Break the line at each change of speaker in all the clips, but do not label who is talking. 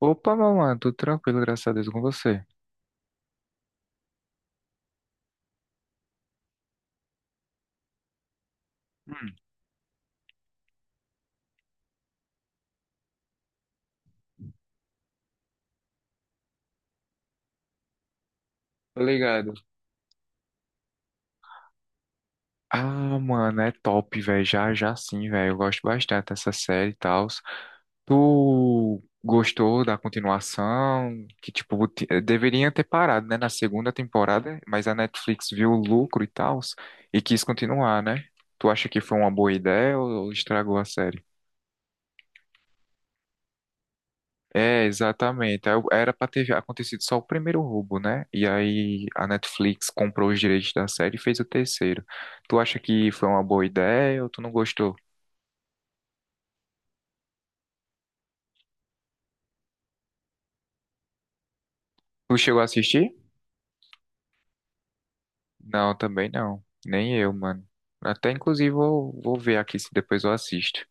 Opa, meu mano, tudo tranquilo, graças a Deus, com você. Hum, tô ligado. Ah, mano, é top, velho. Já, já sim, velho. Eu gosto bastante dessa série e tal. Tu gostou da continuação? Que, tipo, deveria ter parado, né, na segunda temporada, mas a Netflix viu o lucro e tal e quis continuar, né? Tu acha que foi uma boa ideia ou estragou a série? É, exatamente. Era pra ter já acontecido só o primeiro roubo, né? E aí a Netflix comprou os direitos da série e fez o terceiro. Tu acha que foi uma boa ideia ou tu não gostou? Tu chegou a assistir? Não, também não. Nem eu, mano. Até inclusive vou ver aqui se depois eu assisto.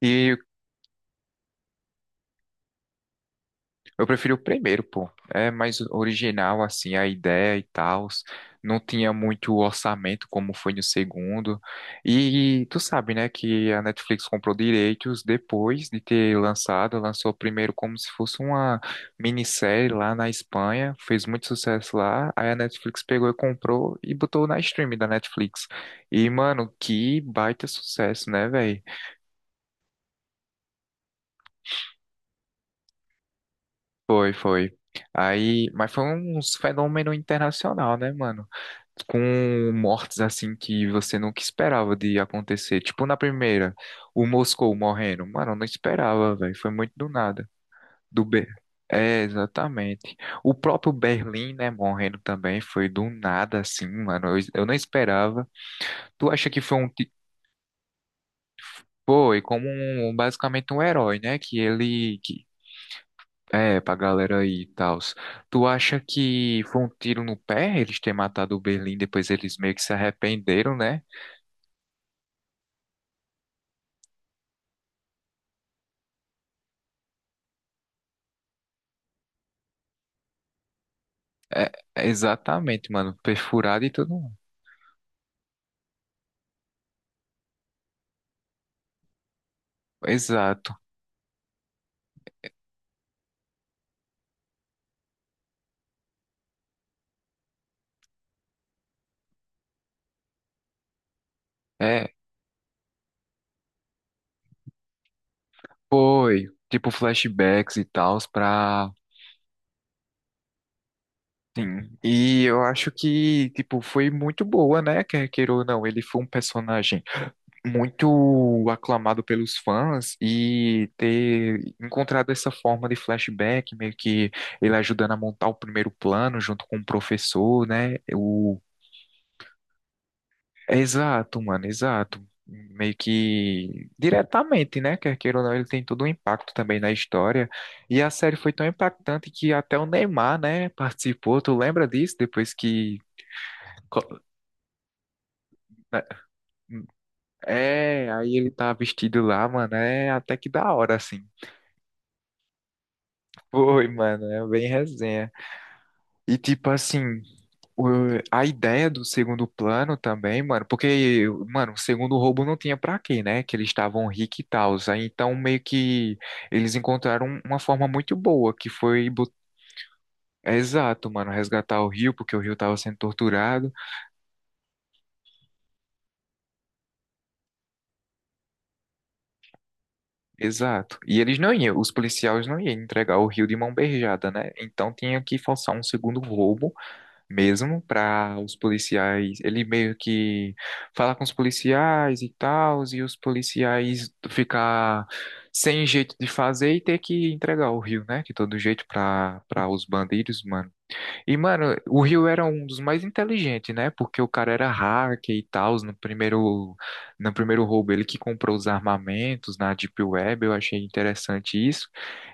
E eu preferi o primeiro, pô. É mais original, assim, a ideia e tal. Não tinha muito orçamento como foi no segundo. E tu sabe, né, que a Netflix comprou direitos depois de ter lançado. Lançou primeiro como se fosse uma minissérie lá na Espanha. Fez muito sucesso lá. Aí a Netflix pegou e comprou e botou na stream da Netflix. E, mano, que baita sucesso, né, velho? Foi, foi. Aí, mas foi um fenômeno internacional, né, mano? Com mortes assim que você nunca esperava de acontecer. Tipo na primeira, o Moscou morrendo. Mano, eu não esperava, velho. Foi muito do nada. Do B. É, exatamente. O próprio Berlim, né, morrendo também foi do nada assim, mano. Eu não esperava. Tu acha que foi um ti- Foi como um, basicamente um herói, né, que ele que é, pra galera aí e tal. Tu acha que foi um tiro no pé eles terem matado o Berlim, depois eles meio que se arrependeram, né? É, é exatamente, mano. Perfurado e tudo. Mais. Exato. É, foi. Tipo, flashbacks e tal, pra. Sim. E eu acho que, tipo, foi muito boa, né? Quer queira ou não, ele foi um personagem muito aclamado pelos fãs e ter encontrado essa forma de flashback, meio que ele ajudando a montar o primeiro plano junto com o professor, né? O exato, mano, exato. Meio que diretamente, né? Quer queira ou não, ele tem todo um impacto também na história. E a série foi tão impactante que até o Neymar, né, participou. Tu lembra disso? Depois que. Co- é, aí ele tá vestido lá, mano. É até que da hora, assim. Foi, mano, é bem resenha. E tipo assim, o- a ideia do segundo plano também, mano, porque, mano, o segundo roubo não tinha pra quê, né? Que eles estavam ricos e tal. Aí então meio que eles encontraram uma forma muito boa, que foi bot- exato, mano, resgatar o Rio, porque o Rio tava sendo torturado. Exato. E eles não iam, os policiais não iam entregar o Rio de mão beijada, né? Então tinha que forçar um segundo roubo mesmo para os policiais. Ele meio que fala com os policiais e tal, e os policiais ficar sem jeito de fazer e ter que entregar o Rio, né? De todo jeito para os bandidos, mano. E, mano, o Rio era um dos mais inteligentes, né? Porque o cara era hacker e tal, no primeiro roubo ele que comprou os armamentos na Deep Web, eu achei interessante isso.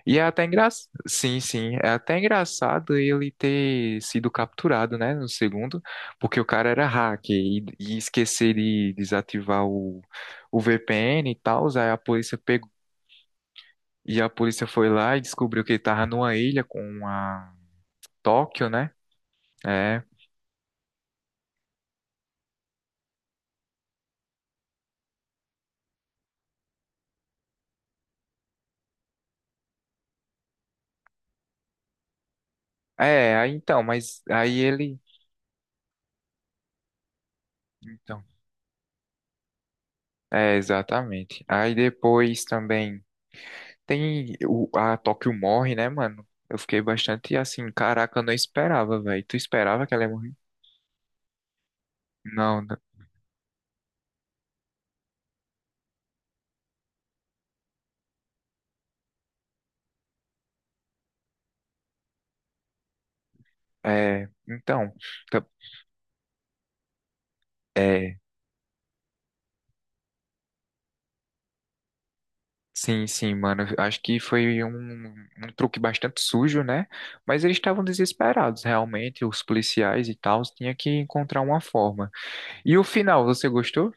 E é até engraçado, sim, sim, é até engraçado ele ter sido capturado, né, no segundo, porque o cara era hacker e esquecer de desativar o VPN e tal, aí a polícia pegou, e a polícia foi lá e descobriu que ele tava numa ilha com a Tóquio, né? É, é, aí então, mas aí ele. Então. É, exatamente. Aí depois também tem a Tóquio morre, né, mano? Eu fiquei bastante assim, caraca, eu não esperava, velho. Tu esperava que ela ia morrer? Não, não. É, então, tá- é, sim, sim, mano. Eu acho que foi um, um truque bastante sujo, né? Mas eles estavam desesperados, realmente, os policiais e tal, tinha que encontrar uma forma. E o final, você gostou?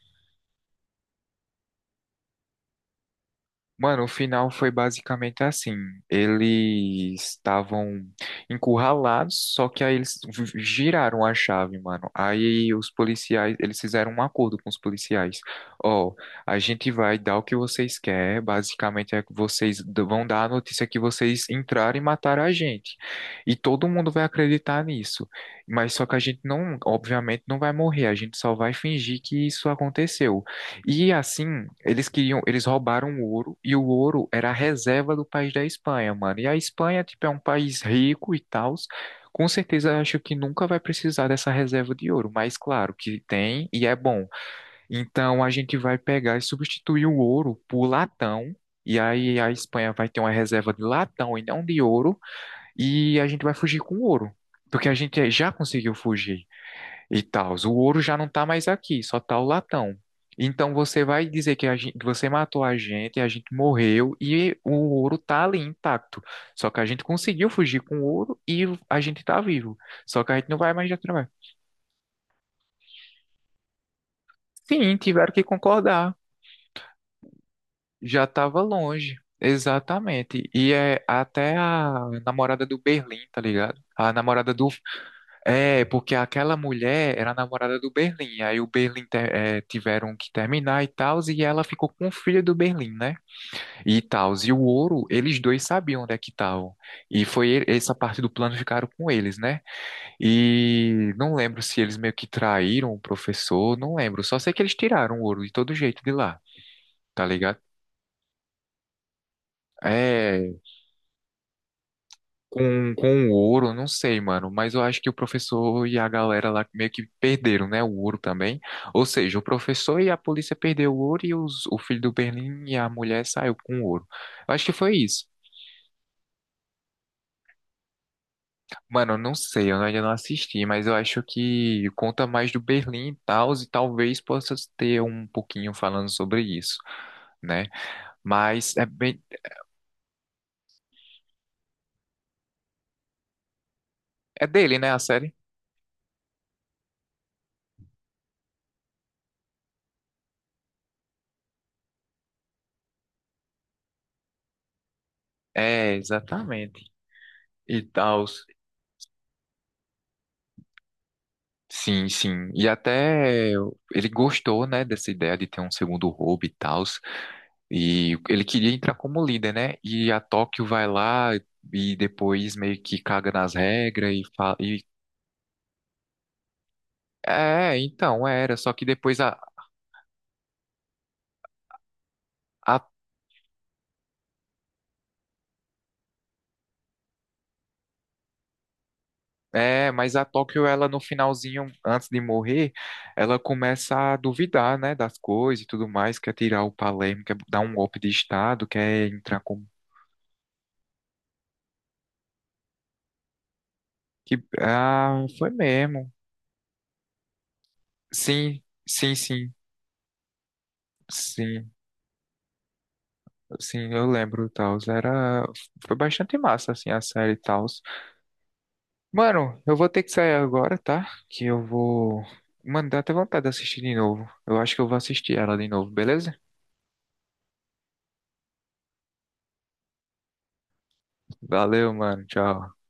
Mano, o final foi basicamente assim. Eles estavam encurralados, só que aí giraram a chave, mano. Aí os policiais, eles fizeram um acordo com os policiais. Ó, a gente vai dar o que vocês querem, basicamente é que vão dar a notícia que vocês entraram e mataram a gente. E todo mundo vai acreditar nisso. Mas só que a gente não, obviamente, não vai morrer, a gente só vai fingir que isso aconteceu. E assim, eles queriam, eles roubaram o ouro e o ouro era a reserva do país da Espanha, mano. E a Espanha, tipo, é um país rico e tal. Com certeza, eu acho que nunca vai precisar dessa reserva de ouro, mas claro que tem e é bom. Então a gente vai pegar e substituir o ouro por latão. E aí a Espanha vai ter uma reserva de latão e não de ouro, e a gente vai fugir com ouro, porque a gente já conseguiu fugir e tal. O ouro já não tá mais aqui, só tá o latão. Então você vai dizer que a gente, você matou a gente morreu e o ouro tá ali intacto. Só que a gente conseguiu fugir com o ouro e a gente tá vivo. Só que a gente não vai mais já trabalhar. Sim, tiveram que concordar. Já estava longe. Exatamente. E é até a namorada do Berlim, tá ligado? A namorada do é, porque aquela mulher era a namorada do Berlim, aí o Berlim te- eh, tiveram que terminar e tal, e ela ficou com o filho do Berlim, né? E tal, e o ouro, eles dois sabiam onde é que estavam. E essa parte do plano ficaram com eles, né? E não lembro se eles meio que traíram o professor, não lembro, só sei que eles tiraram o ouro de todo jeito de lá, tá ligado? É, com o ouro, não sei, mano, mas eu acho que o professor e a galera lá meio que perderam, né, o ouro também. Ou seja, o professor e a polícia perderam o ouro e o filho do Berlim e a mulher saiu com o ouro. Eu acho que foi isso. Mano, eu não sei, eu ainda não assisti, mas eu acho que conta mais do Berlim e tal, e talvez possa ter um pouquinho falando sobre isso, né? Mas é bem, é dele, né, a série? É, exatamente. E tal. Sim, sim. E até ele gostou, né, dessa ideia de ter um segundo roubo e tal. E ele queria entrar como líder, né? E a Tóquio vai lá e depois meio que caga nas regras e fala. E... É, então era. Só que depois a. É, mas a Tóquio, ela no finalzinho, antes de morrer, ela começa a duvidar, né, das coisas e tudo mais, quer tirar o Palermo, quer dar um golpe de Estado, quer entrar como. Que... Ah, foi mesmo. Sim, sim, sim. Sim, sim, eu lembro, Taos. Era. Foi bastante massa, assim, a série Taos. Mano, eu vou ter que sair agora, tá? Que eu vou. Mano, dá até vontade de assistir de novo. Eu acho que eu vou assistir ela de novo, beleza? Valeu, mano. Tchau.